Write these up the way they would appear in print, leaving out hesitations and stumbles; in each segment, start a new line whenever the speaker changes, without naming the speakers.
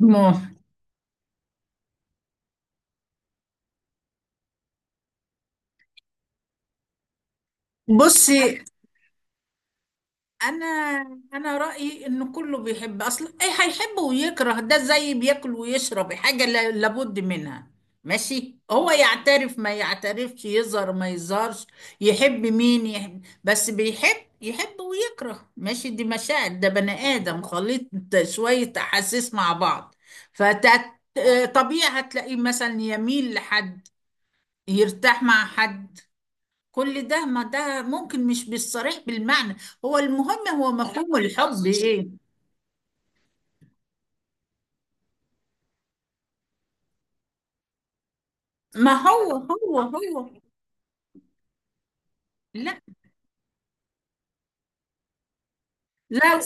ما بصي انا انا رايي ان كله بيحب اصلا، ايه هيحب ويكره، ده زي بياكل ويشرب، حاجه لابد منها. ماشي، هو يعترف ما يعترفش، يظهر ما يظهرش، يحب مين يحب، بس بيحب، يحب ويكره. ماشي، دي مشاعر، ده بني ادم خليط شويه احاسيس مع بعض. فطبيعي هتلاقيه مثلا يميل لحد، يرتاح مع حد، كل ده، ما ده ممكن مش بالصريح بالمعنى. هو المهم هو مفهوم الحب ايه. ما هو لا، لا.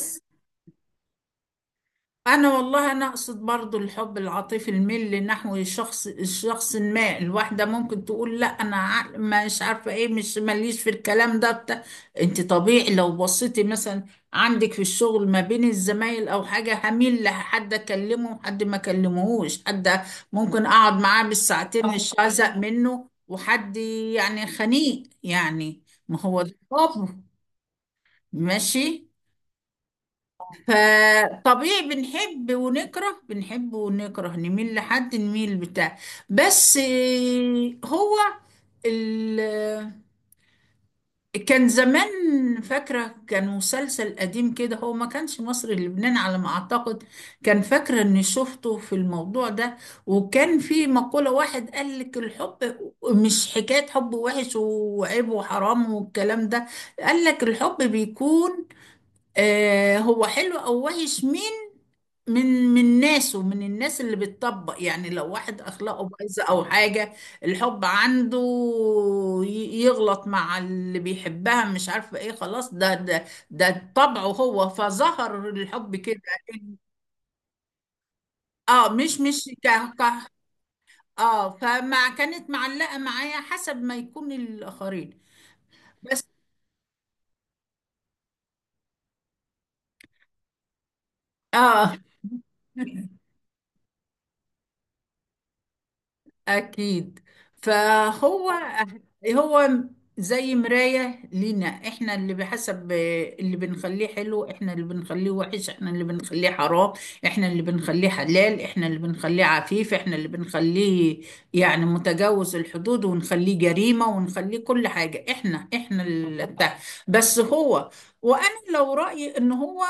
انا والله انا اقصد برضو الحب العاطفي، الميل نحو الشخص ما. الواحده ممكن تقول لا، مش عارفه ايه، مش ماليش في الكلام ده بتاع. انت طبيعي لو بصيتي مثلا عندك في الشغل ما بين الزمايل او حاجه، هميل لحد اكلمه وحد ما اكلمهوش، حد ممكن اقعد معاه بالساعتين صح، مش هزهق منه، وحد يعني خنيق يعني. ما هو ده الحب. ماشي. فطبيعي بنحب ونكره، بنحب ونكره، نميل لحد، نميل بتاع. بس هو ال... كان زمان، فاكرة كان مسلسل قديم كده، هو ما كانش مصري، لبنان على ما أعتقد، كان فاكرة إني شفته في الموضوع ده، وكان في مقولة، واحد قال لك الحب مش حكاية حب وحش وعيب وحرام والكلام ده. قال لك الحب بيكون آه، هو حلو أو وحش من من ناسه، من الناس اللي بتطبق. يعني لو واحد اخلاقه بايظه او حاجه، الحب عنده يغلط مع اللي بيحبها، مش عارفه ايه، خلاص، ده طبعه هو، فظهر الحب كده. اه، مش ك ك اه، فما كانت معلقه معايا حسب ما يكون الاخرين، بس. اه. أكيد. فهو هو زي مراية لينا، احنا اللي بحسب اللي بنخليه حلو، احنا اللي بنخليه وحش، احنا اللي بنخليه حرام، احنا اللي بنخليه حلال، احنا اللي بنخليه عفيف، احنا اللي بنخليه يعني متجاوز الحدود، ونخليه جريمة، ونخليه كل حاجة، احنا اللي بتاع. بس هو، وانا لو رأيي ان هو،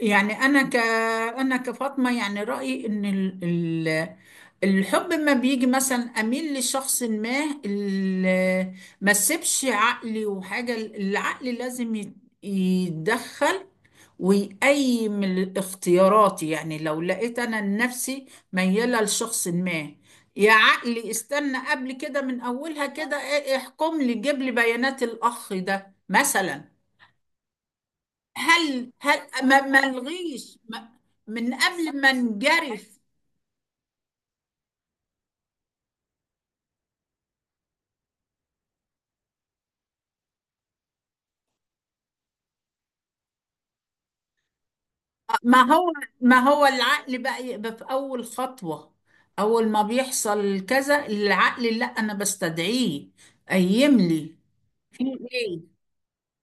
يعني انا كفاطمة، يعني رأيي ان الحب ما بيجي مثلا اميل لشخص ما اللي ما سيبش عقلي وحاجه، العقل لازم يتدخل ويقيم الاختيارات. يعني لو لقيت انا نفسي مياله لشخص ما، يا عقلي استنى قبل كده من اولها كده، احكم لي، جيب لي بيانات الاخ ده مثلا. هل ما الغيش من قبل ما نجرف. ما هو ما هو العقل بقى يبقى في أول خطوة. أول ما بيحصل كذا العقل، لا أنا بستدعيه، قيم لي في إيه.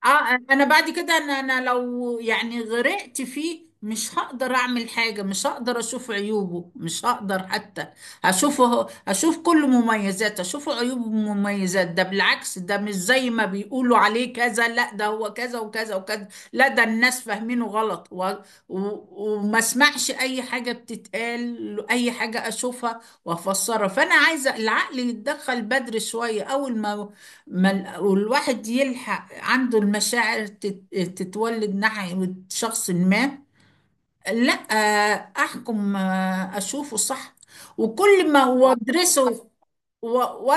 اه، انا بعد كده، انا لو يعني غرقت فيه، مش هقدر اعمل حاجة، مش هقدر اشوف عيوبه، مش هقدر حتى اشوفه، اشوف كل مميزاته، اشوف عيوبه ومميزات، ده بالعكس ده مش زي ما بيقولوا عليه كذا، لا ده هو كذا وكذا وكذا، لا ده الناس فاهمينه غلط، و... وما اسمعش اي حاجة بتتقال، اي حاجة اشوفها وافسرها. فانا عايزة العقل يتدخل بدري شوية، اول ما والواحد يلحق عنده، المشاعر تتولد ناحية شخص ما، لا أحكم، أشوفه صح وكل ما وأدرسه و... و...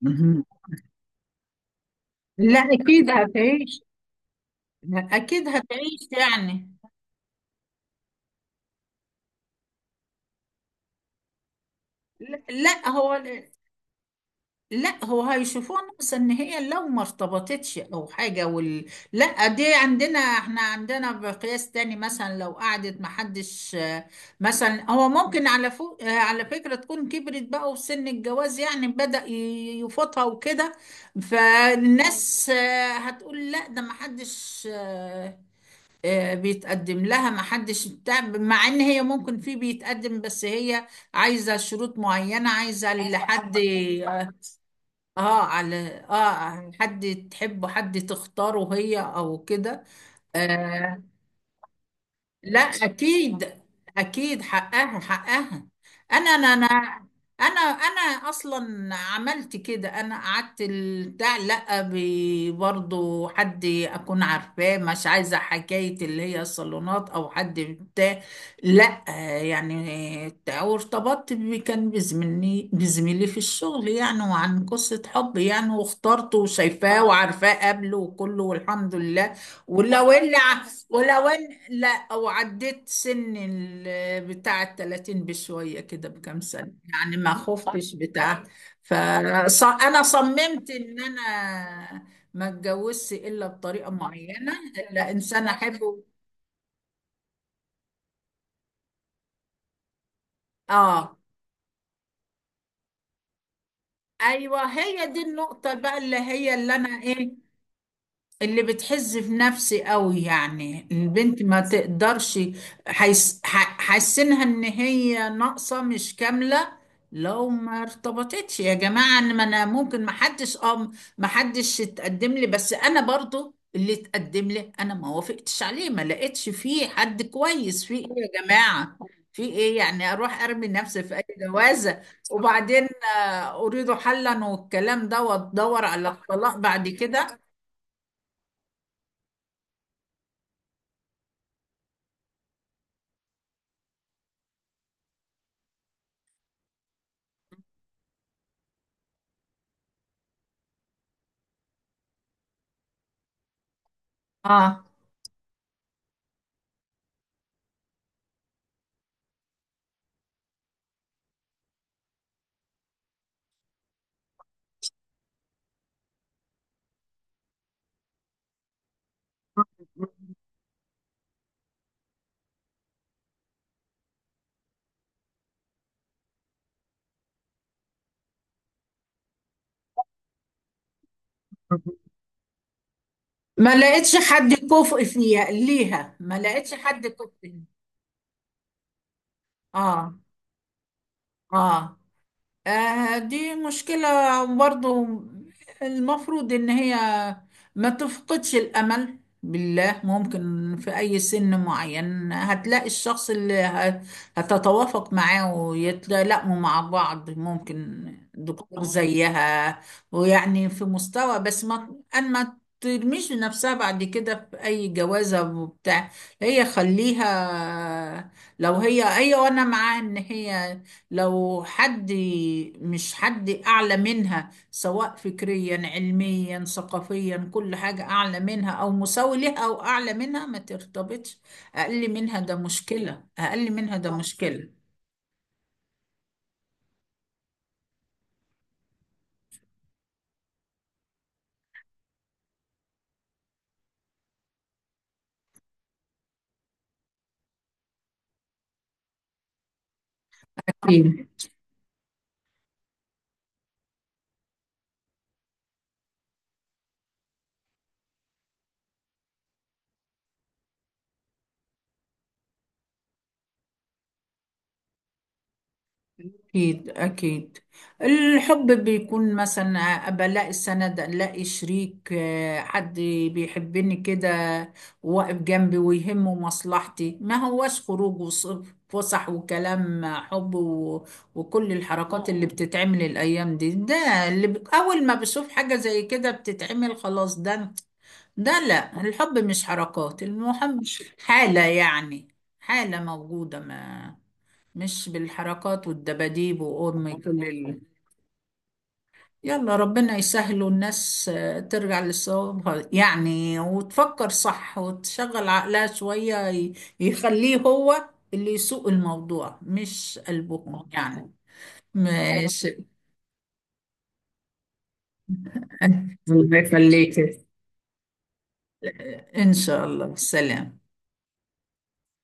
مهم. لا، أكيد هتعيش، أكيد هتعيش يعني. لا، لا هو، لا هو هيشوفوها ناقصة ان هي لو ما ارتبطتش او حاجة لا دي عندنا، احنا عندنا بقياس تاني مثلا، لو قعدت ما حدش، مثلا هو ممكن على فوق، على فكرة تكون كبرت بقى وفي سن الجواز يعني، بدأ يفوتها وكده، فالناس هتقول لا، ده ما حدش، بيتقدم لها، ما حدش بتاع، مع ان هي ممكن في بيتقدم، بس هي عايزة شروط معينة، عايزة لحد. اه على اه عن حد تحبه، حد تختاره هي او كده. آه، لا اكيد، اكيد حقها، حقها. انا انا انا انا اصلا عملت كده، انا قعدت بتاع، لا برضو حد اكون عارفاه، مش عايزه حكايه اللي هي الصالونات او حد بتاع، لا يعني وارتبطت كان بزميلي في الشغل يعني، وعن قصه حب يعني، واخترته وشايفاه وعارفاه قبله وكله، والحمد لله. ولو اللي ع- ولو ان لا، او عديت سن بتاع الـ30 بشوية كده بكام سنة يعني، ما خفتش بتاع. فانا صممت ان انا ما اتجوزش الا بطريقة معينة، الا انسان احبه. اه، ايوه هي دي النقطة بقى اللي هي اللي انا ايه، اللي بتحز في نفسي قوي، يعني البنت ما تقدرش حاسينها ان هي ناقصة مش كاملة لو ما ارتبطتش. يا جماعة، ان ما، انا ممكن ما حدش اتقدم لي، بس انا برضو اللي اتقدم لي انا ما وافقتش عليه، ما لقيتش فيه حد كويس، في ايه يا جماعة، في ايه يعني اروح ارمي نفسي في اي جوازة، وبعدين اريد حلا والكلام ده، وادور على الطلاق بعد كده. اه، ما لقيتش حد كفء فيها، ليها ما لقيتش حد كفء فيها. اه، اه، دي مشكلة برضو. المفروض إن هي ما تفقدش الأمل، بالله ممكن في أي سن معين هتلاقي الشخص اللي هتتوافق معاه ويتلائموا مع بعض، ممكن دكتور زيها، ويعني في مستوى، بس ما أن ما ترميش نفسها بعد كده في أي جوازة وبتاع. هي خليها، لو هي هي وأنا معاها، إن هي لو حد، مش حد أعلى منها، سواء فكريا علميا ثقافيا كل حاجة أعلى منها أو مساوي لها، أو أعلى منها ما ترتبطش. أقل منها ده مشكلة، أقل منها، ده صح مشكلة. أكيد، أكيد. الحب بيكون مثلا أبقى ألاقي سند، ألاقي شريك، حد بيحبني كده، واقف جنبي ويهمه مصلحتي، ما هواش خروج وفسح وكلام حب وكل الحركات اللي بتتعمل الأيام دي، ده أول ما بشوف حاجة زي كده بتتعمل خلاص، ده، ده لا، الحب مش حركات، المهم حالة يعني، حالة موجودة ما، مش بالحركات والدباديب وام كل يلا ربنا يسهل، والناس ترجع لصوابها يعني، وتفكر صح وتشغل عقلها شوية، يخليه هو اللي يسوق الموضوع مش قلبهم يعني. ماشي. الله يخليك. إن شاء الله، سلام.